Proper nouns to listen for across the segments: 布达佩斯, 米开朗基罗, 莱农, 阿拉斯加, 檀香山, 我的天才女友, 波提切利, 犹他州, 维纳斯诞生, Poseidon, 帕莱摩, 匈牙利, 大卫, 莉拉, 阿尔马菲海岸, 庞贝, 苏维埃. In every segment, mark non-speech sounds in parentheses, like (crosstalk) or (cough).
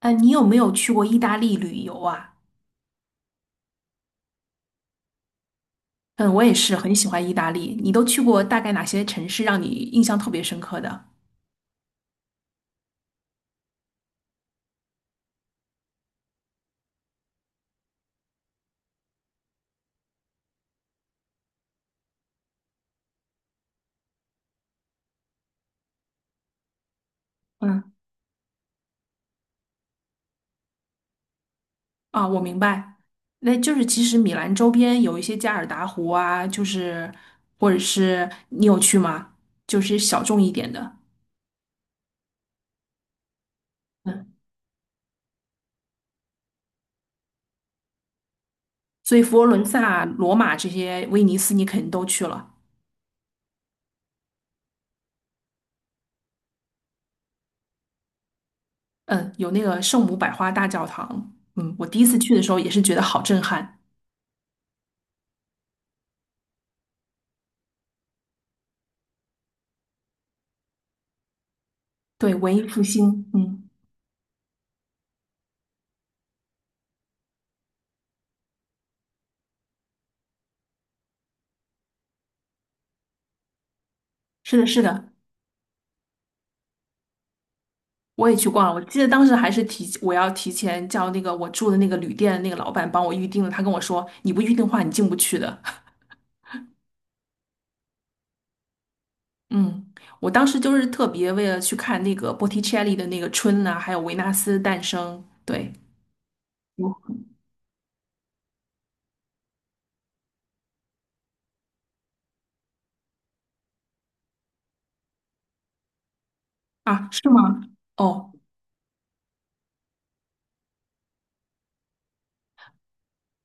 哎，你有没有去过意大利旅游啊？嗯，我也是很喜欢意大利。你都去过大概哪些城市让你印象特别深刻的？嗯，啊，我明白。那就是其实米兰周边有一些加尔达湖啊，就是或者是你有去吗？就是小众一点的。嗯，所以佛罗伦萨、罗马这些，威尼斯你肯定都去了。嗯，有那个圣母百花大教堂。嗯，我第一次去的时候也是觉得好震撼。对，文艺复兴。嗯，是的，是的。我也去逛了，我记得当时还是我要提前叫那个我住的那个旅店的那个老板帮我预定了，他跟我说你不预定的话你进不去的。(laughs) 嗯，我当时就是特别为了去看那个波提切利的那个春呐、还有维纳斯诞生。对，哦啊，是吗？哦，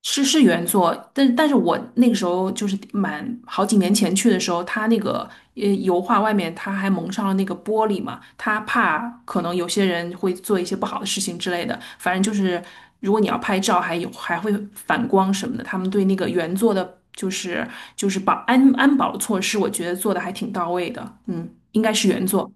是原作，但是我那个时候就是满好几年前去的时候，它那个油画外面它还蒙上了那个玻璃嘛，它怕可能有些人会做一些不好的事情之类的。反正就是如果你要拍照，还有还会反光什么的，他们对那个原作的，就是安保措施，我觉得做的还挺到位的。嗯，应该是原作，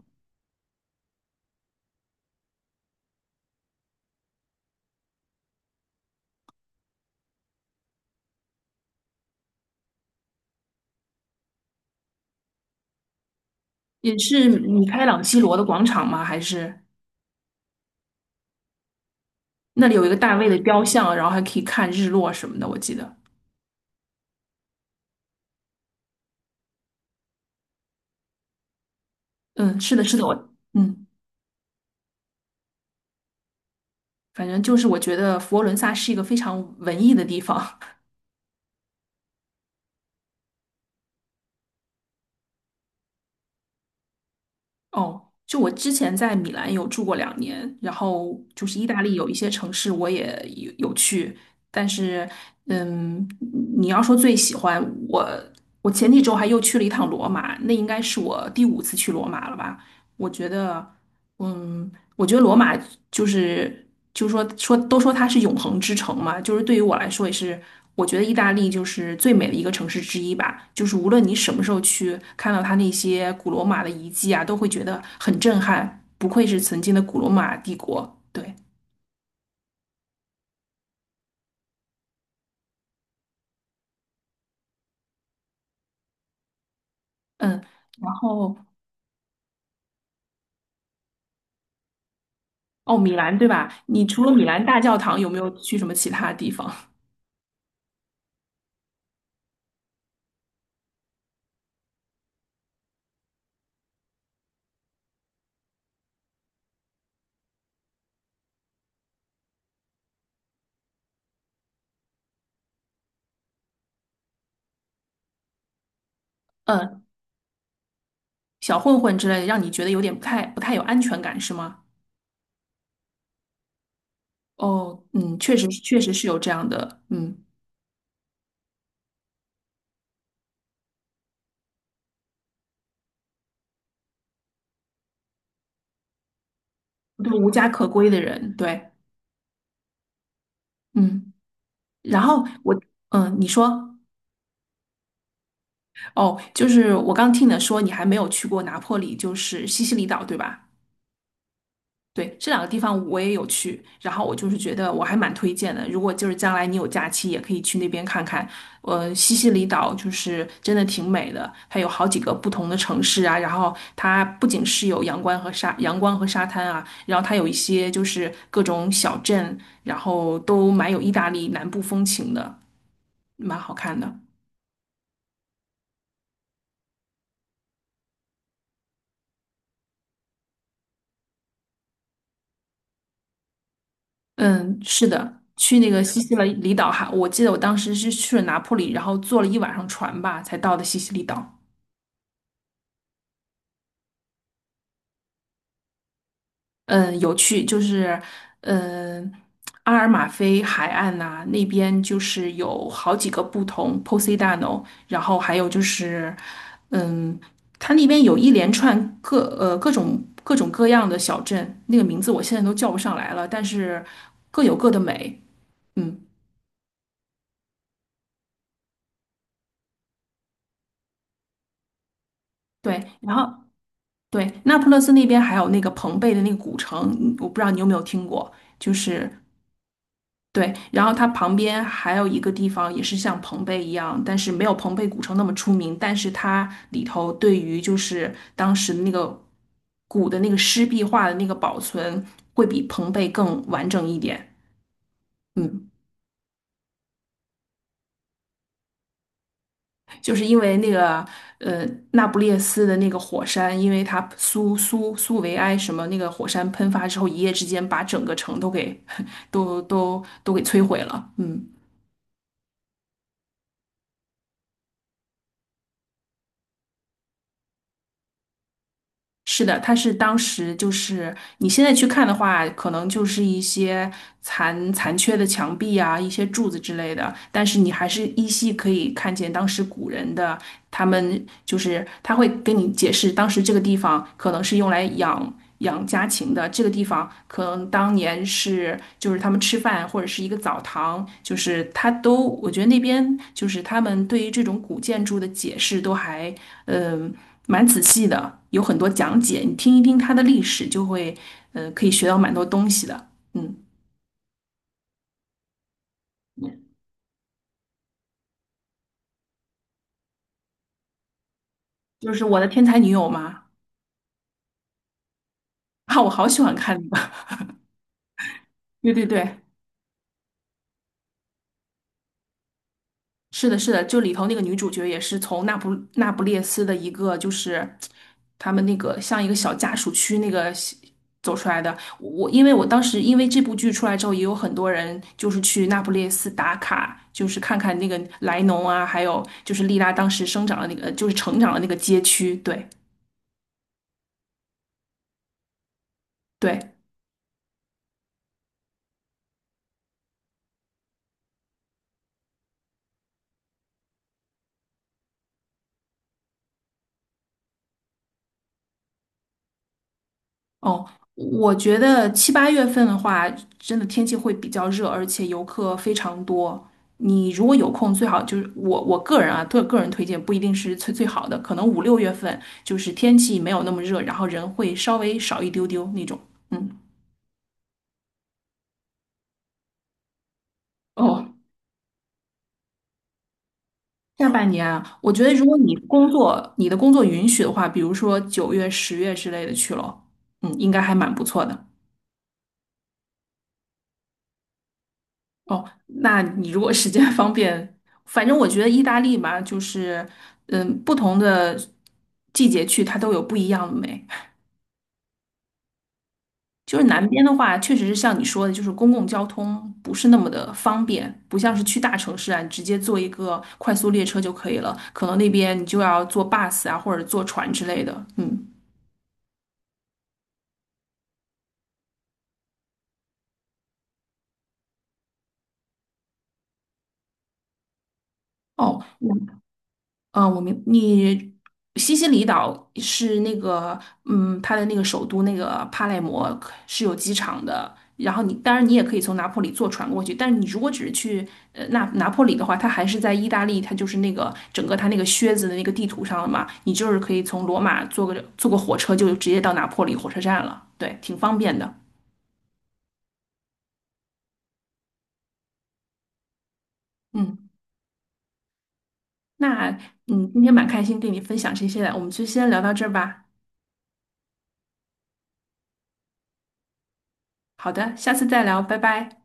也是米开朗基罗的广场吗？还是那里有一个大卫的雕像，然后还可以看日落什么的，我记得。嗯，是的，是的，反正就是我觉得佛罗伦萨是一个非常文艺的地方。(laughs) 哦，就我之前在米兰有住过2年，然后就是意大利有一些城市我也有去，但是嗯，你要说最喜欢我，我前几周还又去了一趟罗马，那应该是我第五次去罗马了吧？我觉得，嗯，我觉得罗马就是就是说都说它是永恒之城嘛，就是对于我来说也是，我觉得意大利就是最美的一个城市之一吧。就是无论你什么时候去，看到它那些古罗马的遗迹啊，都会觉得很震撼。不愧是曾经的古罗马帝国，对，嗯，然后哦，米兰对吧？你除了米兰大教堂，有没有去什么其他地方？嗯，小混混之类的，让你觉得有点不太有安全感是吗？哦，嗯，确实确实是有这样的，嗯。对，无家可归的人，对，嗯，然后我，嗯，你说，哦，就是我刚听你说你还没有去过拿破里，就是西西里岛，对吧？对，这两个地方我也有去，然后我就是觉得我还蛮推荐的，如果就是将来你有假期，也可以去那边看看。西西里岛就是真的挺美的，它有好几个不同的城市啊，然后它不仅是有阳光和沙滩啊，然后它有一些就是各种小镇，然后都蛮有意大利南部风情的。蛮好看的。嗯，是的，去那个西西里岛哈，我记得我当时是去了拿破里，然后坐了一晚上船吧，才到的西西里岛。嗯，有趣，就是嗯，阿尔马菲海岸呐、那边就是有好几个不同 Poseidon，然后还有就是嗯，它那边有一连串各种各样的小镇，那个名字我现在都叫不上来了，但是各有各的美。嗯，对，然后。对，那不勒斯那边还有那个庞贝的那个古城，嗯我不知道你有没有听过，就是对，然后它旁边还有一个地方也是像庞贝一样，但是没有庞贝古城那么出名，但是它里头对于就是当时的那个古的那个湿壁画的那个保存会比庞贝更完整一点。嗯。就是因为那个呃那不列斯的那个火山，因为它苏维埃什么那个火山喷发之后，一夜之间把整个城都给 (laughs) 都给摧毁了。嗯，是的，它是当时就是你现在去看的话，可能就是一些残缺的墙壁啊，一些柱子之类的，但是你还是依稀可以看见当时古人的他们就是他会跟你解释，当时这个地方可能是用来养家禽的，这个地方可能当年是就是他们吃饭或者是一个澡堂，就是他都我觉得那边就是他们对于这种古建筑的解释都还嗯、呃蛮仔细的，有很多讲解，你听一听它的历史，就会可以学到蛮多东西的。嗯，就是我的天才女友嘛，(laughs) 啊，我好喜欢看那个 (laughs) 对对对。是的，是的，就里头那个女主角也是从那不列斯的一个，就是他们那个像一个小家属区那个走出来的。我因为我当时因为这部剧出来之后，也有很多人就是去那不列斯打卡，就是看看那个莱农啊，还有就是莉拉当时生长的那个，就是成长的那个街区。对对，哦，我觉得7、8月份的话，真的天气会比较热，而且游客非常多。你如果有空，最好就是我个人啊，个人推荐不一定是最最好的，可能5、6月份就是天气没有那么热，然后人会稍微少一丢丢那种。嗯，哦，下半年啊，我觉得如果你的工作允许的话，比如说9月、10月之类的去咯，嗯，应该还蛮不错的。哦，那你如果时间方便，反正我觉得意大利吧，就是嗯，不同的季节去它都有不一样的美。就是南边的话，确实是像你说的，就是公共交通不是那么的方便，不像是去大城市啊，你直接坐一个快速列车就可以了。可能那边你就要坐 bus 啊，或者坐船之类的。嗯，哦，我。啊，你西西里岛是那个，嗯，它的那个首都那个帕莱摩可是有机场的。然后当然你也可以从拿破里坐船过去，但是你如果只是去那拿破里的话，它还是在意大利，它就是那个整个它那个靴子的那个地图上了嘛，你就是可以从罗马坐个火车就直接到拿破里火车站了，对，挺方便的。嗯，那今天蛮开心跟你分享这些的，我们就先聊到这儿吧。好的，下次再聊，拜拜。